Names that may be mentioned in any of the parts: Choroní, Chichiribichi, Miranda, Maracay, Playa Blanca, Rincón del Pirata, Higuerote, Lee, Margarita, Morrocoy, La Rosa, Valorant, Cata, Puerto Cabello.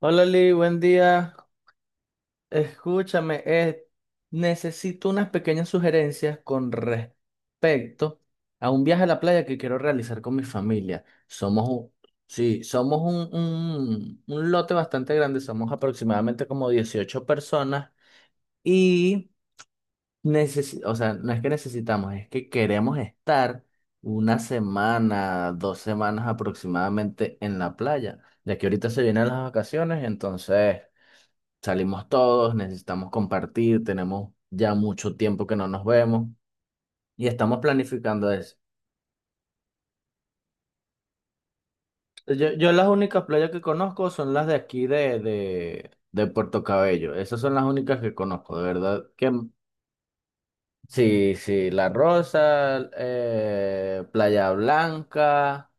Hola Lee, buen día. Escúchame, necesito unas pequeñas sugerencias con respecto a un viaje a la playa que quiero realizar con mi familia. Somos un, sí, somos un lote bastante grande, somos aproximadamente como 18 personas y o sea, no es que necesitamos, es que queremos estar una semana, 2 semanas aproximadamente en la playa, ya que ahorita se vienen las vacaciones, entonces. Salimos todos, necesitamos compartir, tenemos ya mucho tiempo que no nos vemos y estamos planificando eso. Yo las únicas playas que conozco son las de aquí de Puerto Cabello. Esas son las únicas que conozco, de verdad que sí, sí, La Rosa, Playa Blanca,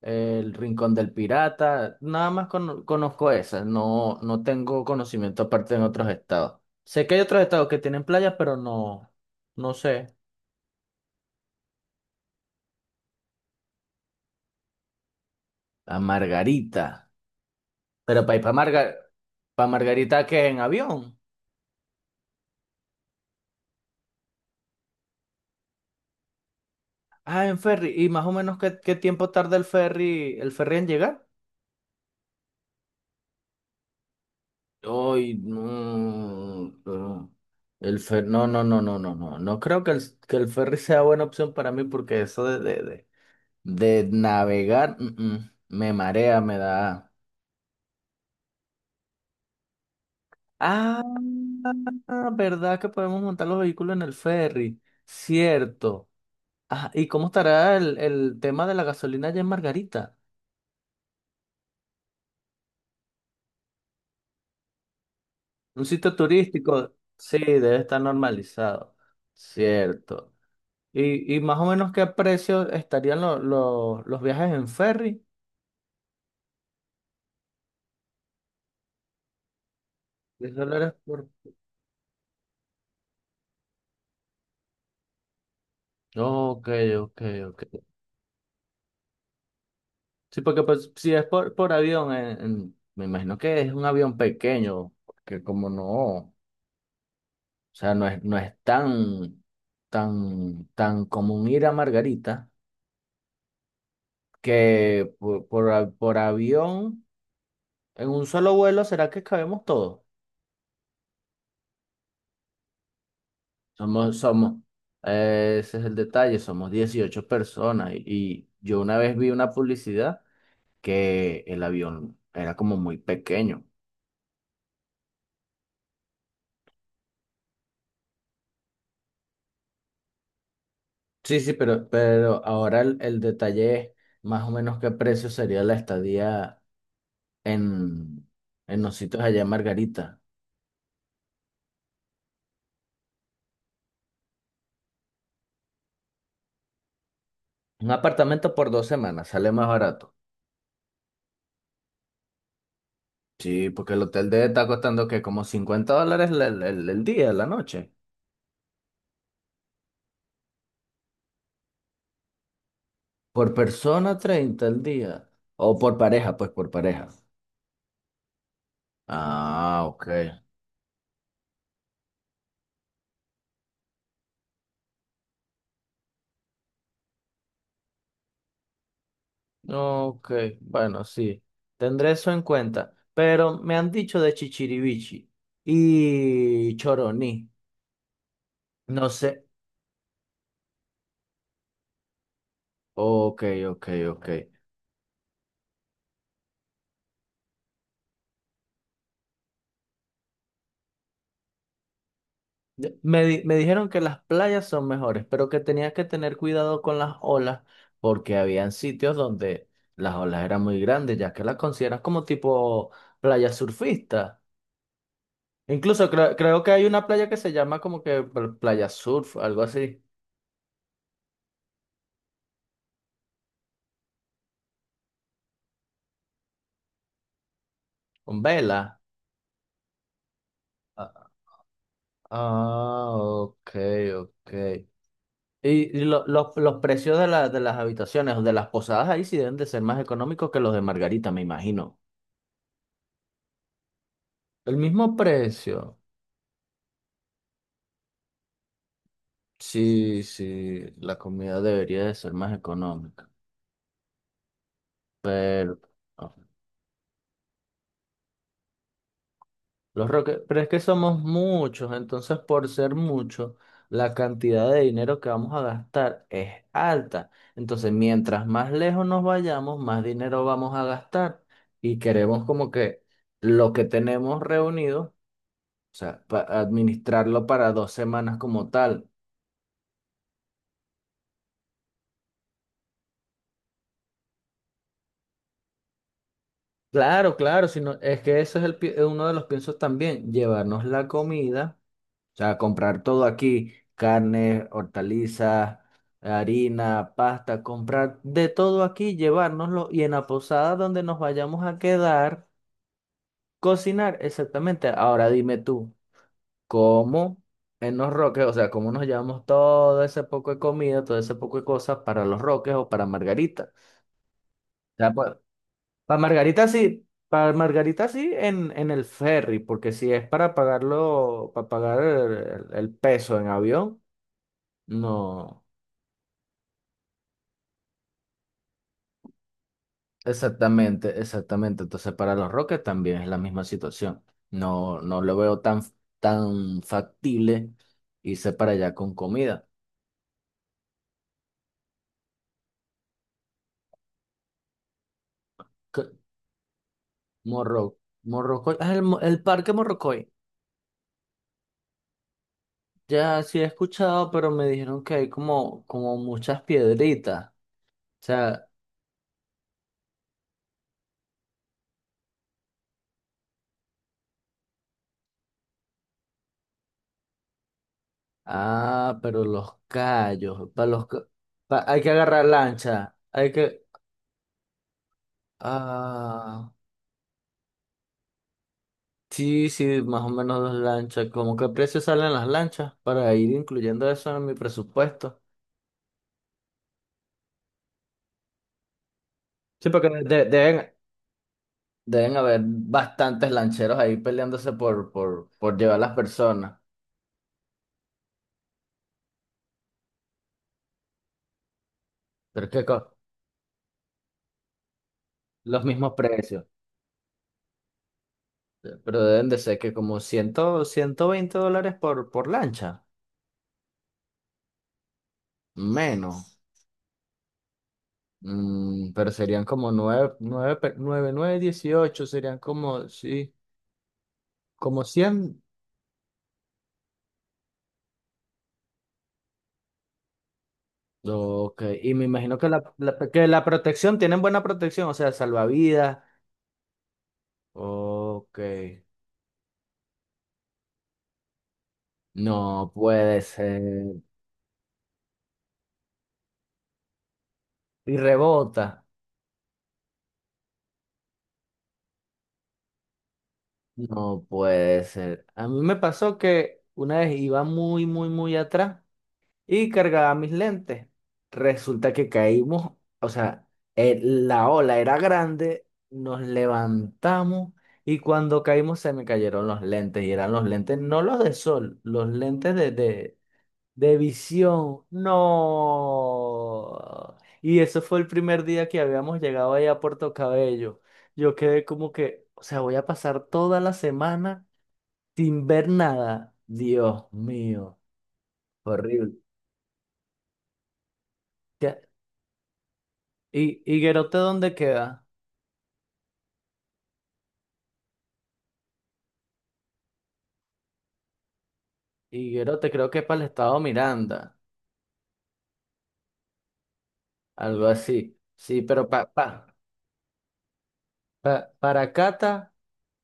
el Rincón del Pirata, nada más conozco esas, no, no tengo conocimiento aparte en otros estados. Sé que hay otros estados que tienen playas, pero no, no sé. A Margarita. Pero para ir para Margar para Margarita, ¿qué? ¿En avión? Ah, en ferry. ¿Y más o menos qué tiempo tarda el ferry en llegar? Ay, no. Pero El fer no, no, no, no, no, no. No creo que que el ferry sea buena opción para mí porque eso de navegar, me marea, me da. Ah, ¿verdad que podemos montar los vehículos en el ferry? Cierto. Ajá, ¿y cómo estará el tema de la gasolina allá en Margarita? Un sitio turístico, sí, debe estar normalizado, cierto. ¿Y más o menos qué precio estarían los viajes en ferry? $10 por. Ok, ok, ok. Sí, porque pues, si es por avión, me imagino que es un avión pequeño, que como no, o sea, no es tan, común ir a Margarita. Que por avión, en un solo vuelo, ¿será que cabemos todos? Somos, somos, ese es el detalle, somos 18 personas y yo una vez vi una publicidad que el avión era como muy pequeño. Sí, sí, pero ahora el detalle es más o menos qué precio sería la estadía en, en los sitios allá en Margarita. Un apartamento por 2 semanas sale más barato. Sí, porque el hotel debe estar costando que como $50 el día, la noche. Por persona 30 el día. O por pareja, pues por pareja. Ah, ok. Ok, bueno, sí. Tendré eso en cuenta. Pero me han dicho de Chichiribichi y Choroní. No sé. Ok, ok, ok. Me me dijeron que las playas son mejores, pero que tenías que tener cuidado con las olas porque habían sitios donde las olas eran muy grandes, ya que las consideras como tipo playa surfista. Incluso creo que hay una playa que se llama como que playa surf, algo así, con vela. Ah, ah, ok, ok. Y los precios de las habitaciones o de las posadas ahí sí deben de ser más económicos que los de Margarita, me imagino. El mismo precio. Sí, sí, la comida debería de ser más económica. Pero ah, los roques, pero es que somos muchos, entonces por ser muchos, la cantidad de dinero que vamos a gastar es alta. Entonces, mientras más lejos nos vayamos, más dinero vamos a gastar y queremos como que lo que tenemos reunido, o sea, administrarlo para 2 semanas como tal. Claro, claro, sino es que eso es uno de los piensos también, llevarnos la comida. O sea, comprar todo aquí, carne, hortalizas, harina, pasta, comprar de todo aquí, llevárnoslo y en la posada donde nos vayamos a quedar, cocinar exactamente. Ahora dime tú, ¿cómo en los roques, o sea, cómo nos llevamos todo ese poco de comida, todo ese poco de cosas para los roques o para Margarita? O sea, pues, para Margarita sí. Para Margarita sí en el ferry, porque si es para pagarlo, para pagar el peso en avión, no. Exactamente, exactamente. Entonces, para los Rockets también es la misma situación. No, no lo veo tan factible irse para allá con comida. Que- Morro, Morrocoy, el parque Morrocoy. Ya sí he escuchado, pero me dijeron que hay como muchas piedritas. O sea, pero los callos, para los, ca- pa- hay que agarrar lancha, ah, Sí, sí, más o menos 2 lanchas. ¿Cómo qué precio salen las lanchas para ir incluyendo eso en mi presupuesto? Sí, porque Deben haber bastantes lancheros ahí peleándose por llevar las personas. Pero es que los mismos precios. Pero deben de ser que como 100, $120 por lancha. Menos. Pero serían como 9 9 9 9 18. Serían como, sí, como 100. Ok, y me imagino que que la protección, tienen buena protección, o sea, salvavidas. Ok, no puede ser. Y rebota, no puede ser. A mí me pasó que una vez iba muy, muy, muy atrás y cargaba mis lentes. Resulta que caímos, o sea, la ola era grande, nos levantamos y cuando caímos se me cayeron los lentes y eran los lentes, no los de sol, los lentes de visión, no. Y eso fue el primer día que habíamos llegado ahí a Puerto Cabello. Yo quedé como que, o sea, voy a pasar toda la semana sin ver nada. Dios mío, horrible. ¿Qué- ¿Y Higuerote dónde queda? Higuerote creo que es para el estado Miranda, algo así. Sí, pero para Cata.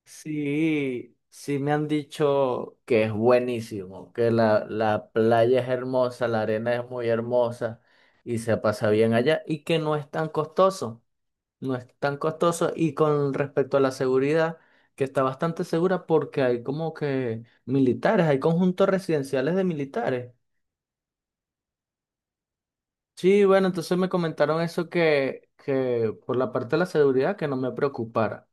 Sí, sí me han dicho que es buenísimo, que la playa es hermosa, la arena es muy hermosa y se pasa bien allá y que no es tan costoso, no es tan costoso y con respecto a la seguridad, que está bastante segura porque hay como que militares, hay conjuntos residenciales de militares. Sí, bueno, entonces me comentaron eso que por la parte de la seguridad que no me preocupara.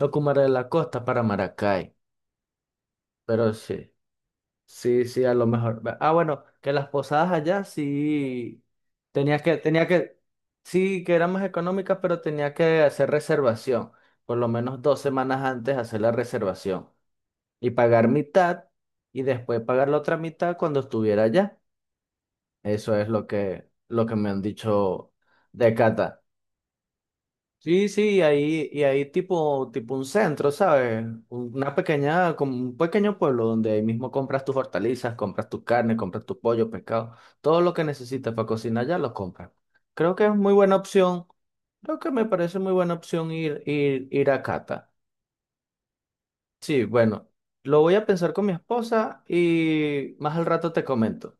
Lo que me haré de la costa para Maracay, pero sí. Sí, sí, a lo mejor. Ah, bueno, que las posadas allá sí tenía que, tenía que, sí que eran más económicas, pero tenía que hacer reservación. Por lo menos 2 semanas antes hacer la reservación. Y pagar mitad y después pagar la otra mitad cuando estuviera allá. Eso es lo que me han dicho de Cata. Sí, sí, y ahí tipo un centro, ¿sabes? Una pequeña, como un pequeño pueblo donde ahí mismo compras tus hortalizas, compras tu carne, compras tu pollo, pescado, todo lo que necesitas para cocinar ya lo compras. Creo que es muy buena opción, creo que me parece muy buena opción ir a Cata. Sí, bueno, lo voy a pensar con mi esposa y más al rato te comento.